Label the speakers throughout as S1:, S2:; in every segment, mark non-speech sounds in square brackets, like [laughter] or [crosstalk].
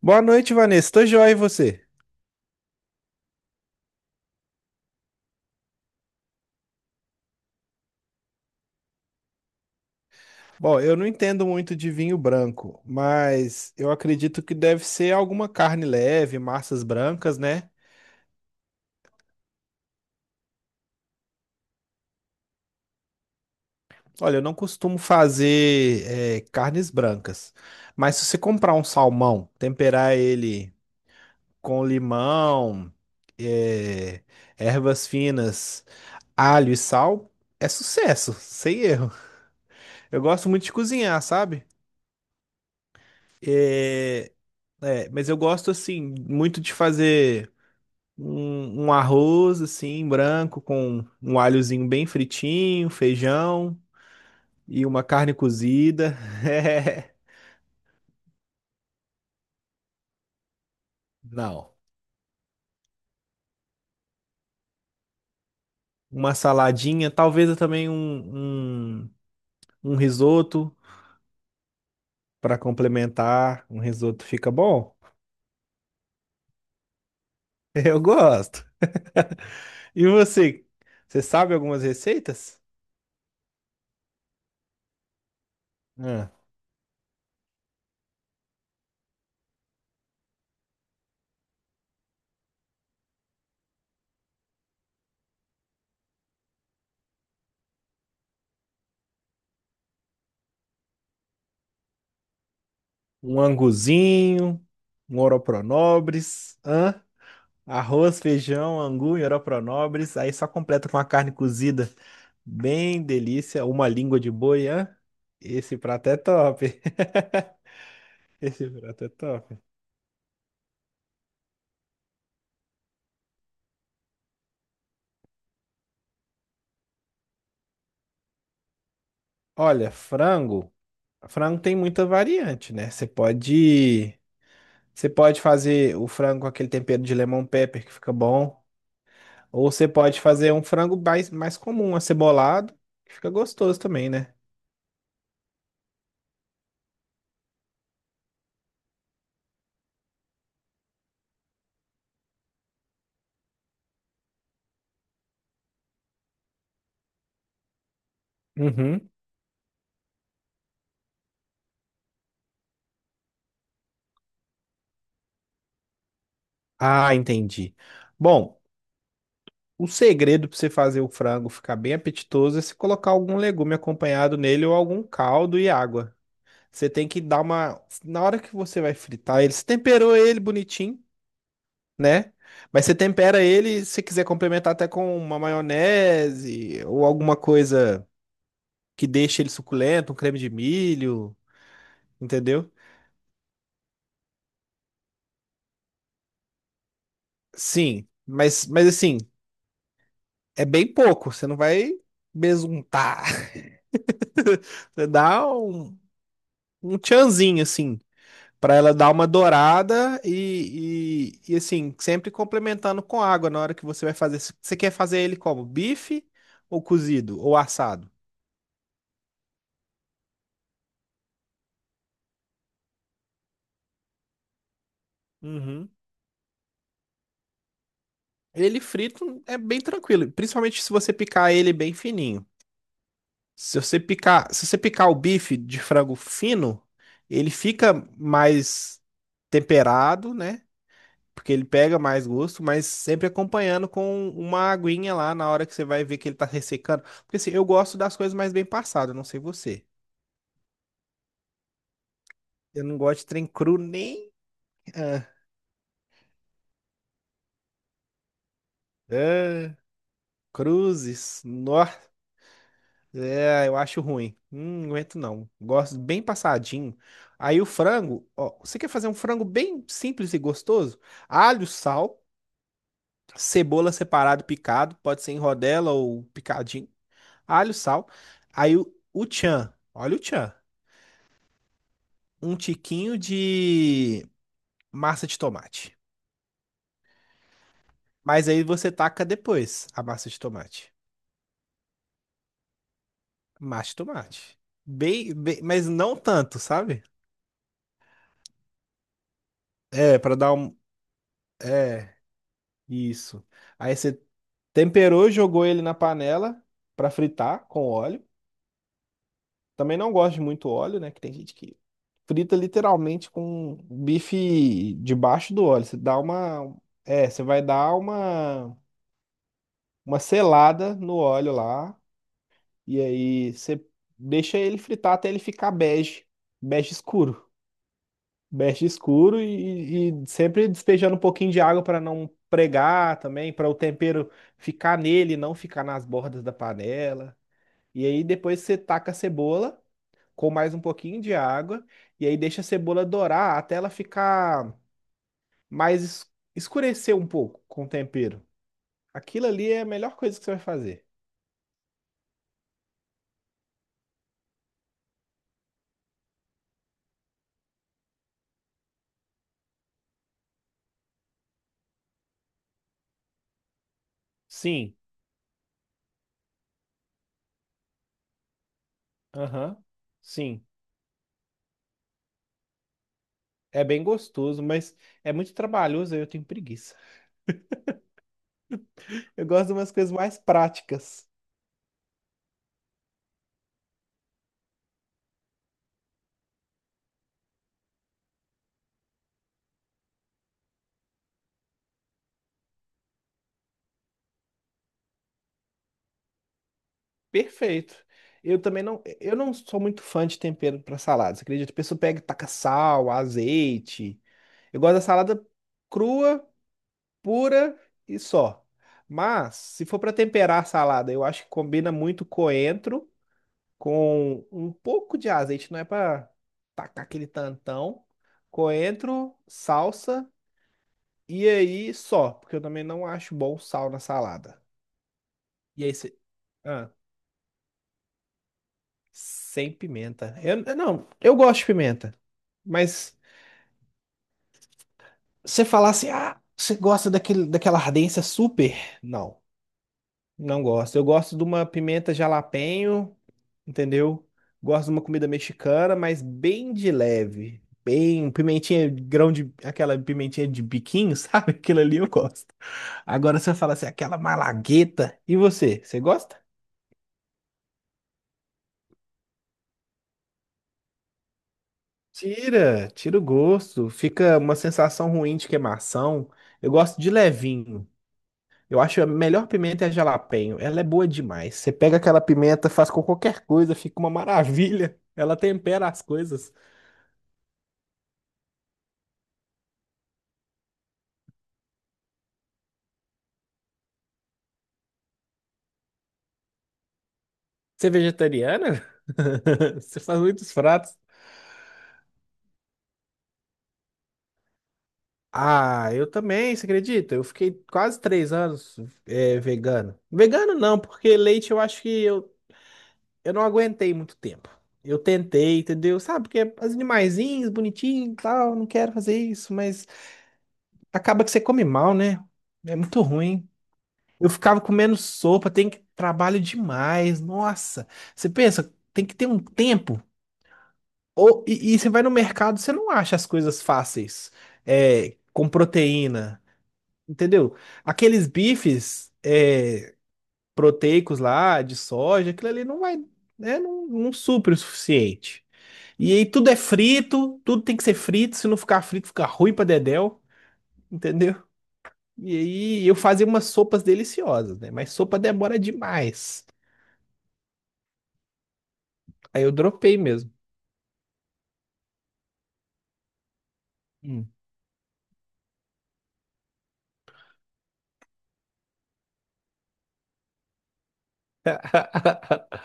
S1: Boa noite, Vanessa. Tô joia e você? Bom, eu não entendo muito de vinho branco, mas eu acredito que deve ser alguma carne leve, massas brancas, né? Olha, eu não costumo fazer carnes brancas, mas se você comprar um salmão, temperar ele com limão, eh, ervas finas, alho e sal, é sucesso, sem erro. Eu gosto muito de cozinhar, sabe? Eh, é, mas eu gosto assim muito de fazer. Um arroz assim, branco, com um alhozinho bem fritinho, feijão e uma carne cozida. [laughs] É, não. Uma saladinha, talvez também um risoto para complementar. Um risoto fica bom? [laughs] Eu gosto. [laughs] E você? Você sabe algumas receitas? Hã? Um anguzinho, um oropronobres, hã? Arroz, feijão, angu, nobres, aí só completa com uma carne cozida. Bem delícia, uma língua de boi, hã? Esse prato é top. [laughs] Esse prato é top. Olha, frango, frango tem muita variante, né? Você pode fazer o frango com aquele tempero de lemon pepper que fica bom, ou você pode fazer um frango mais comum, acebolado, que fica gostoso também, né? Uhum. Ah, entendi. Bom, o segredo para você fazer o frango ficar bem apetitoso é se colocar algum legume acompanhado nele ou algum caldo e água. Você tem que dar uma. Na hora que você vai fritar ele, você temperou ele bonitinho, né? Mas você tempera ele, se quiser complementar até com uma maionese ou alguma coisa que deixe ele suculento, um creme de milho, entendeu? Sim, mas assim, é bem pouco, você não vai besuntar. [laughs] Você dá um tchanzinho assim. Pra ela dar uma dourada e, assim, sempre complementando com água na hora que você vai fazer. Você quer fazer ele como? Bife ou cozido ou assado? Uhum. Ele frito é bem tranquilo, principalmente se você picar ele bem fininho. Se você picar o bife de frango fino, ele fica mais temperado, né? Porque ele pega mais gosto, mas sempre acompanhando com uma aguinha lá na hora que você vai ver que ele tá ressecando. Porque assim, eu gosto das coisas mais bem passadas, não sei você. Eu não gosto de trem cru nem. Ah, ah, cruzes. Nó, é, eu acho ruim. Não aguento não. Gosto bem passadinho. Aí o frango, ó, você quer fazer um frango bem simples e gostoso? Alho, sal, cebola separado, picado, pode ser em rodela ou picadinho. Alho, sal. Aí o tchan, olha o tchan. Um tiquinho de massa de tomate. Mas aí você taca depois a massa de tomate. Massa de tomate. Bem, bem, mas não tanto, sabe? É, pra dar um. É, isso. Aí você temperou, jogou ele na panela pra fritar com óleo. Também não gosto de muito óleo, né? Que tem gente que frita literalmente com bife debaixo do óleo. Você dá uma. É, você vai dar uma selada no óleo lá. E aí você deixa ele fritar até ele ficar bege, bege escuro. Bege escuro e sempre despejando um pouquinho de água para não pregar também, para o tempero ficar nele, não ficar nas bordas da panela. E aí depois você taca a cebola com mais um pouquinho de água e aí deixa a cebola dourar até ela ficar mais escurecer um pouco com o tempero. Aquilo ali é a melhor coisa que você vai fazer. Sim. Aham. Sim. É bem gostoso, mas é muito trabalhoso e eu tenho preguiça. Eu gosto de umas coisas mais práticas. Perfeito. Eu também não, eu não sou muito fã de tempero para saladas. Acredito, a pessoa pega, e taca sal, azeite. Eu gosto da salada crua, pura e só. Mas se for para temperar a salada, eu acho que combina muito coentro com um pouco de azeite, não é para tacar aquele tantão. Coentro, salsa. E aí só, porque eu também não acho bom sal na salada. E aí você. Ah, sem pimenta. Eu não, eu gosto de pimenta. Mas você falar assim, ah, você gosta daquele, daquela ardência super? Não, não gosto. Eu gosto de uma pimenta jalapeño, entendeu? Gosto de uma comida mexicana, mas bem de leve. Bem, um pimentinha, grão de. Aquela pimentinha de biquinho, [laughs] sabe? Aquilo ali eu gosto. Agora você fala assim, aquela malagueta. E você? Você gosta? Tira, tira o gosto. Fica uma sensação ruim de queimação. Eu gosto de levinho. Eu acho a melhor pimenta é a jalapeño. Ela é boa demais. Você pega aquela pimenta, faz com qualquer coisa, fica uma maravilha. Ela tempera as coisas. Você é vegetariana? [laughs] Você faz muitos pratos. Ah, eu também, você acredita? Eu fiquei quase 3 anos vegano. Vegano não, porque leite eu acho que eu não aguentei muito tempo. Eu tentei, entendeu? Sabe, porque as animaizinhos, bonitinho e tal, não quero fazer isso, mas acaba que você come mal, né? É muito ruim. Eu ficava comendo sopa, tem que trabalho demais. Nossa, você pensa, tem que ter um tempo. Ou, e você vai no mercado, você não acha as coisas fáceis, é, com proteína, entendeu? Aqueles bifes, é, proteicos lá, de soja, aquilo ali não vai, né, não, não supre o suficiente. E aí tudo é frito, tudo tem que ser frito, se não ficar frito fica ruim pra dedéu, entendeu? E aí eu fazia umas sopas deliciosas, né? Mas sopa demora demais. Aí eu dropei mesmo. Hum. [laughs]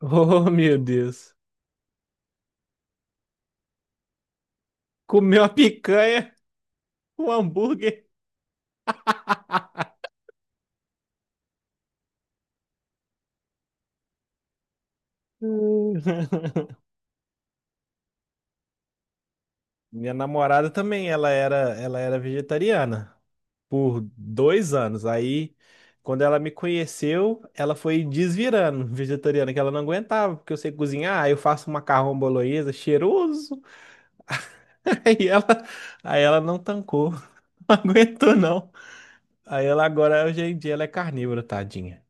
S1: Oh, meu Deus. Comeu uma picanha, um hambúrguer. [laughs] Minha namorada também, ela era vegetariana por 2 anos. Aí, quando ela me conheceu, ela foi desvirando [laughs] vegetariana, que ela não aguentava, porque eu sei cozinhar, aí eu faço um macarrão bolonhesa cheiroso. [laughs] Aí ela, aí ela não tancou, [laughs] não aguentou não. Aí ela agora, hoje em dia, ela é carnívora, tadinha.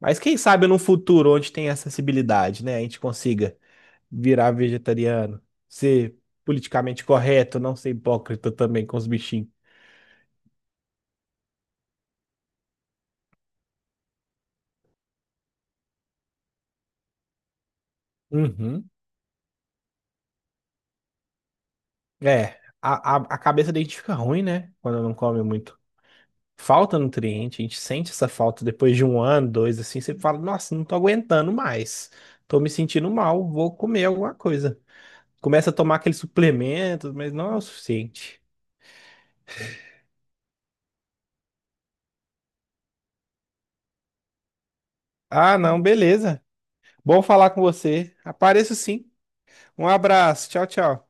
S1: Mas quem sabe no futuro, onde tem acessibilidade, né, a gente consiga virar vegetariano, ser politicamente correto, não ser hipócrita também com os bichinhos. Uhum. É, a cabeça da gente fica ruim, né? Quando não come muito. Falta nutriente, a gente sente essa falta depois de um ano, dois, assim, você fala, nossa, não tô aguentando mais. Tô me sentindo mal, vou comer alguma coisa. Começa a tomar aqueles suplementos, mas não é o suficiente. Ah, não, beleza. Bom falar com você. Apareço sim. Um abraço, tchau, tchau.